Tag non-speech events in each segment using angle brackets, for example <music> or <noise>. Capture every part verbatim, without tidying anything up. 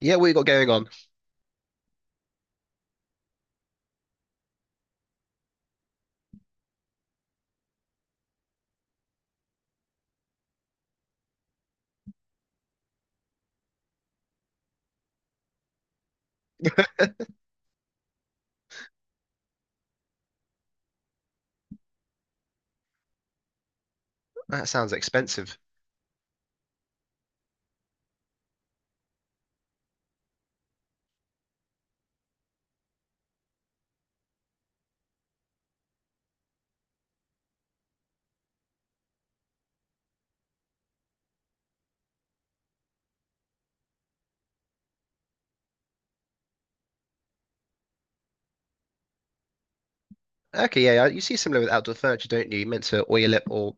Yeah, what you got going on? That sounds expensive. Okay, yeah, yeah, you see similar with outdoor furniture, don't you? You're meant to oil it or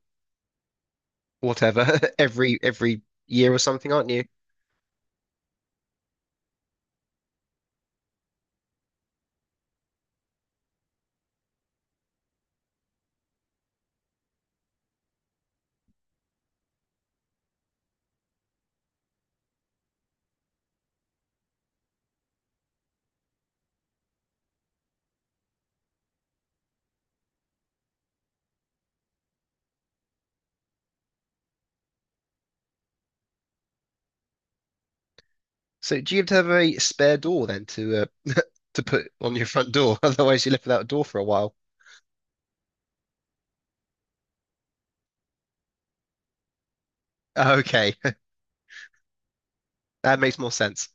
whatever <laughs> every every year or something, aren't you? So do you have to have a spare door then to uh, to put on your front door? <laughs> Otherwise, you live without a door for a while. Okay, <laughs> that makes more sense.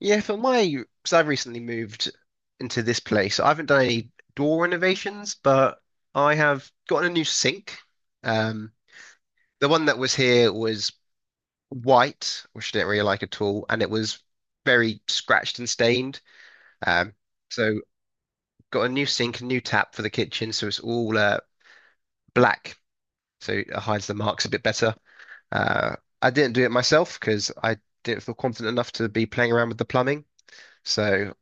Yeah, for my, because I've recently moved into this place, I haven't done any door renovations, but I have gotten a new sink. Um, the one that was here was white, which I didn't really like at all, and it was very scratched and stained. Um, so got a new sink, a new tap for the kitchen, so it's all uh, black, so it hides the marks a bit better. Uh, I didn't do it myself because I didn't feel confident enough to be playing around with the plumbing. So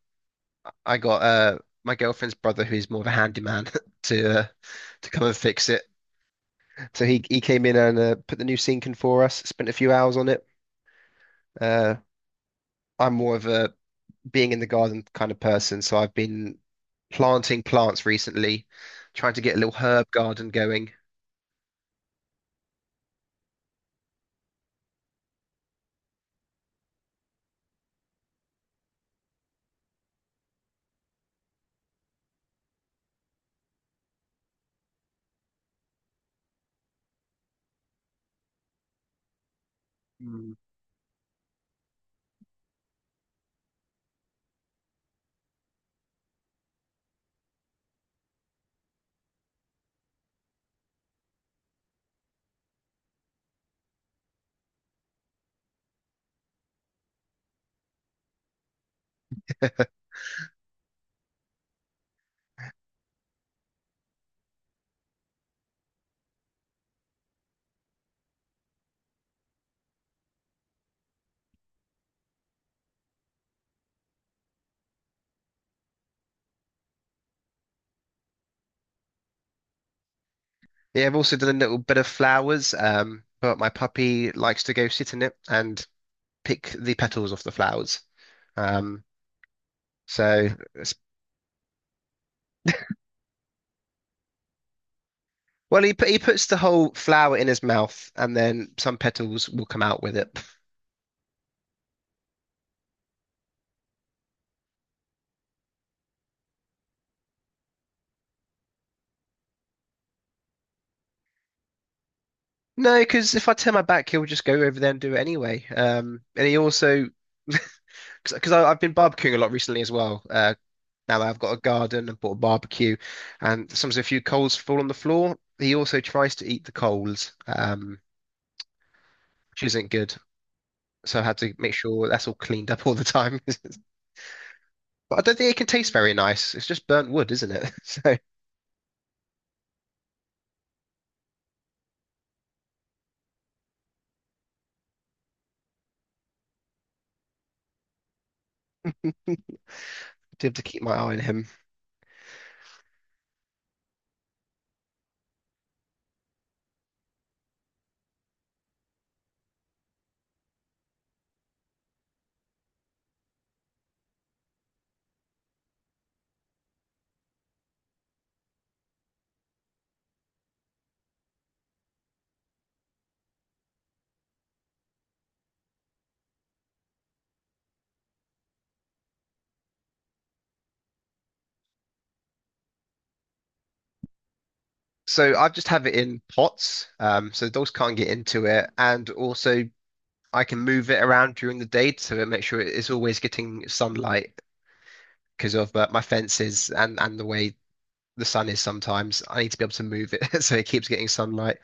I got uh, my girlfriend's brother, who's more of a handyman, <laughs> to uh, to come and fix it. So he he came in and uh, put the new sink in for us. Spent a few hours on it. Uh, I'm more of a being in the garden kind of person, so I've been planting plants recently, trying to get a little herb garden going. Mm. Yeah, I've also done a little bit of flowers, um, but my puppy likes to go sit in it and pick the petals off the flowers. Um, so, it's- well, he put, he puts the whole flower in his mouth, and then some petals will come out with it. No, because if I turn my back, he'll just go over there and do it anyway. Um, and he also, <laughs> because I've been barbecuing a lot recently as well. uh, Now that I've got a garden and bought a barbecue, and sometimes a few coals fall on the floor, he also tries to eat the coals, um, which isn't good. So I had to make sure that's all cleaned up all the time. <laughs> But I don't think it can taste very nice. It's just burnt wood, isn't it? <laughs> So I have to keep my eye on him. So I just have it in pots, um, so the dogs can't get into it, and also I can move it around during the day to make sure it's always getting sunlight because of uh, my fences and and the way the sun is sometimes. I need to be able to move it <laughs> so it keeps getting sunlight.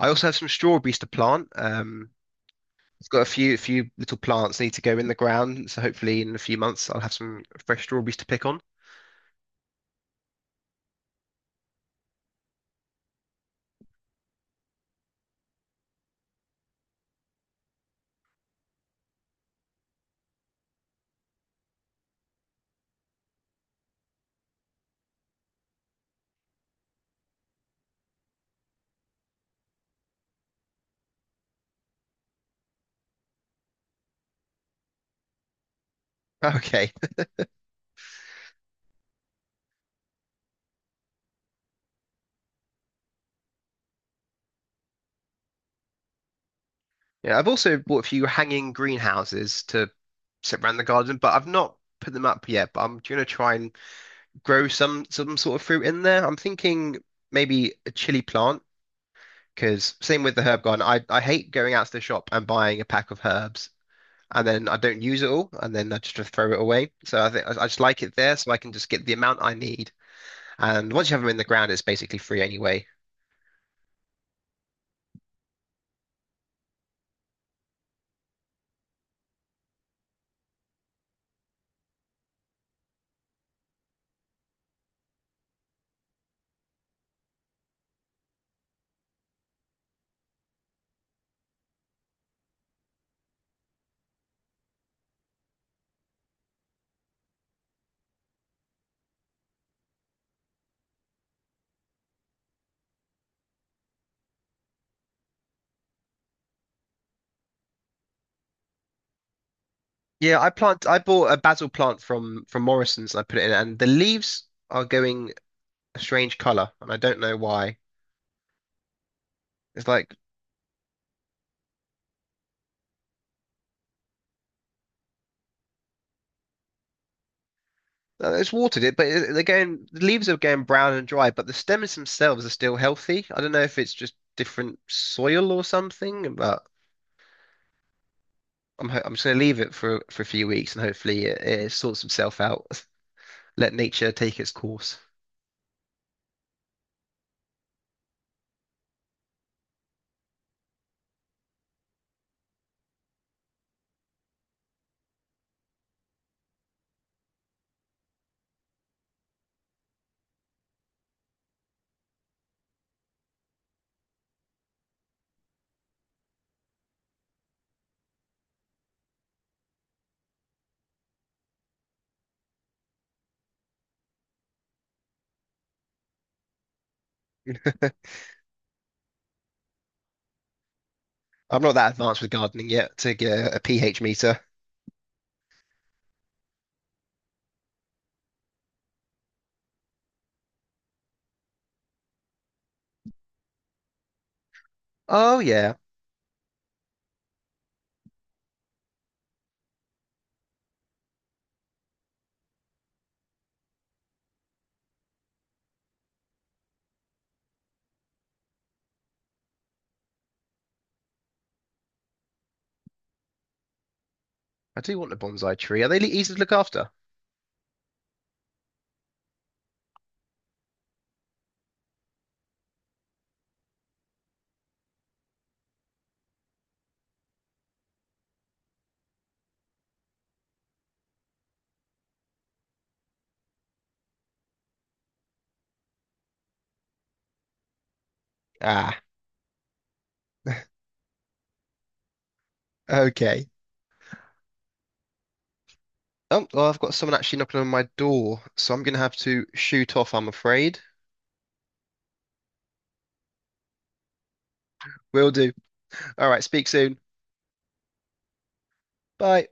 I also have some strawberries to plant. Um, I've got a few few little plants need to go in the ground, so hopefully in a few months I'll have some fresh strawberries to pick on. Okay. <laughs> Yeah, I've also bought a few hanging greenhouses to sit around the garden, but I've not put them up yet. But I'm gonna try and grow some some sort of fruit in there. I'm thinking maybe a chili plant, because same with the herb garden, I I hate going out to the shop and buying a pack of herbs and then I don't use it all, and then I just throw it away. So I think I I just like it there, so I can just get the amount I need. And once you have them in the ground, it's basically free anyway. Yeah, I plant. I bought a basil plant from from Morrison's, and I put it in, and the leaves are going a strange color, and I don't know why. It's like Uh, It's watered it, but it, again, the leaves are going brown and dry, but the stems themselves are still healthy. I don't know if it's just different soil or something, but I'm ho- I'm just gonna leave it for for a few weeks and hopefully it, it sorts itself out. <laughs> Let nature take its course. <laughs> I'm not that advanced with gardening yet to get a, a pH meter. Oh yeah, I do want a bonsai tree. Are they le- easy to look after? Ah, okay. Oh, well, I've got someone actually knocking on my door, so I'm gonna have to shoot off, I'm afraid. Will do. All right, speak soon. Bye.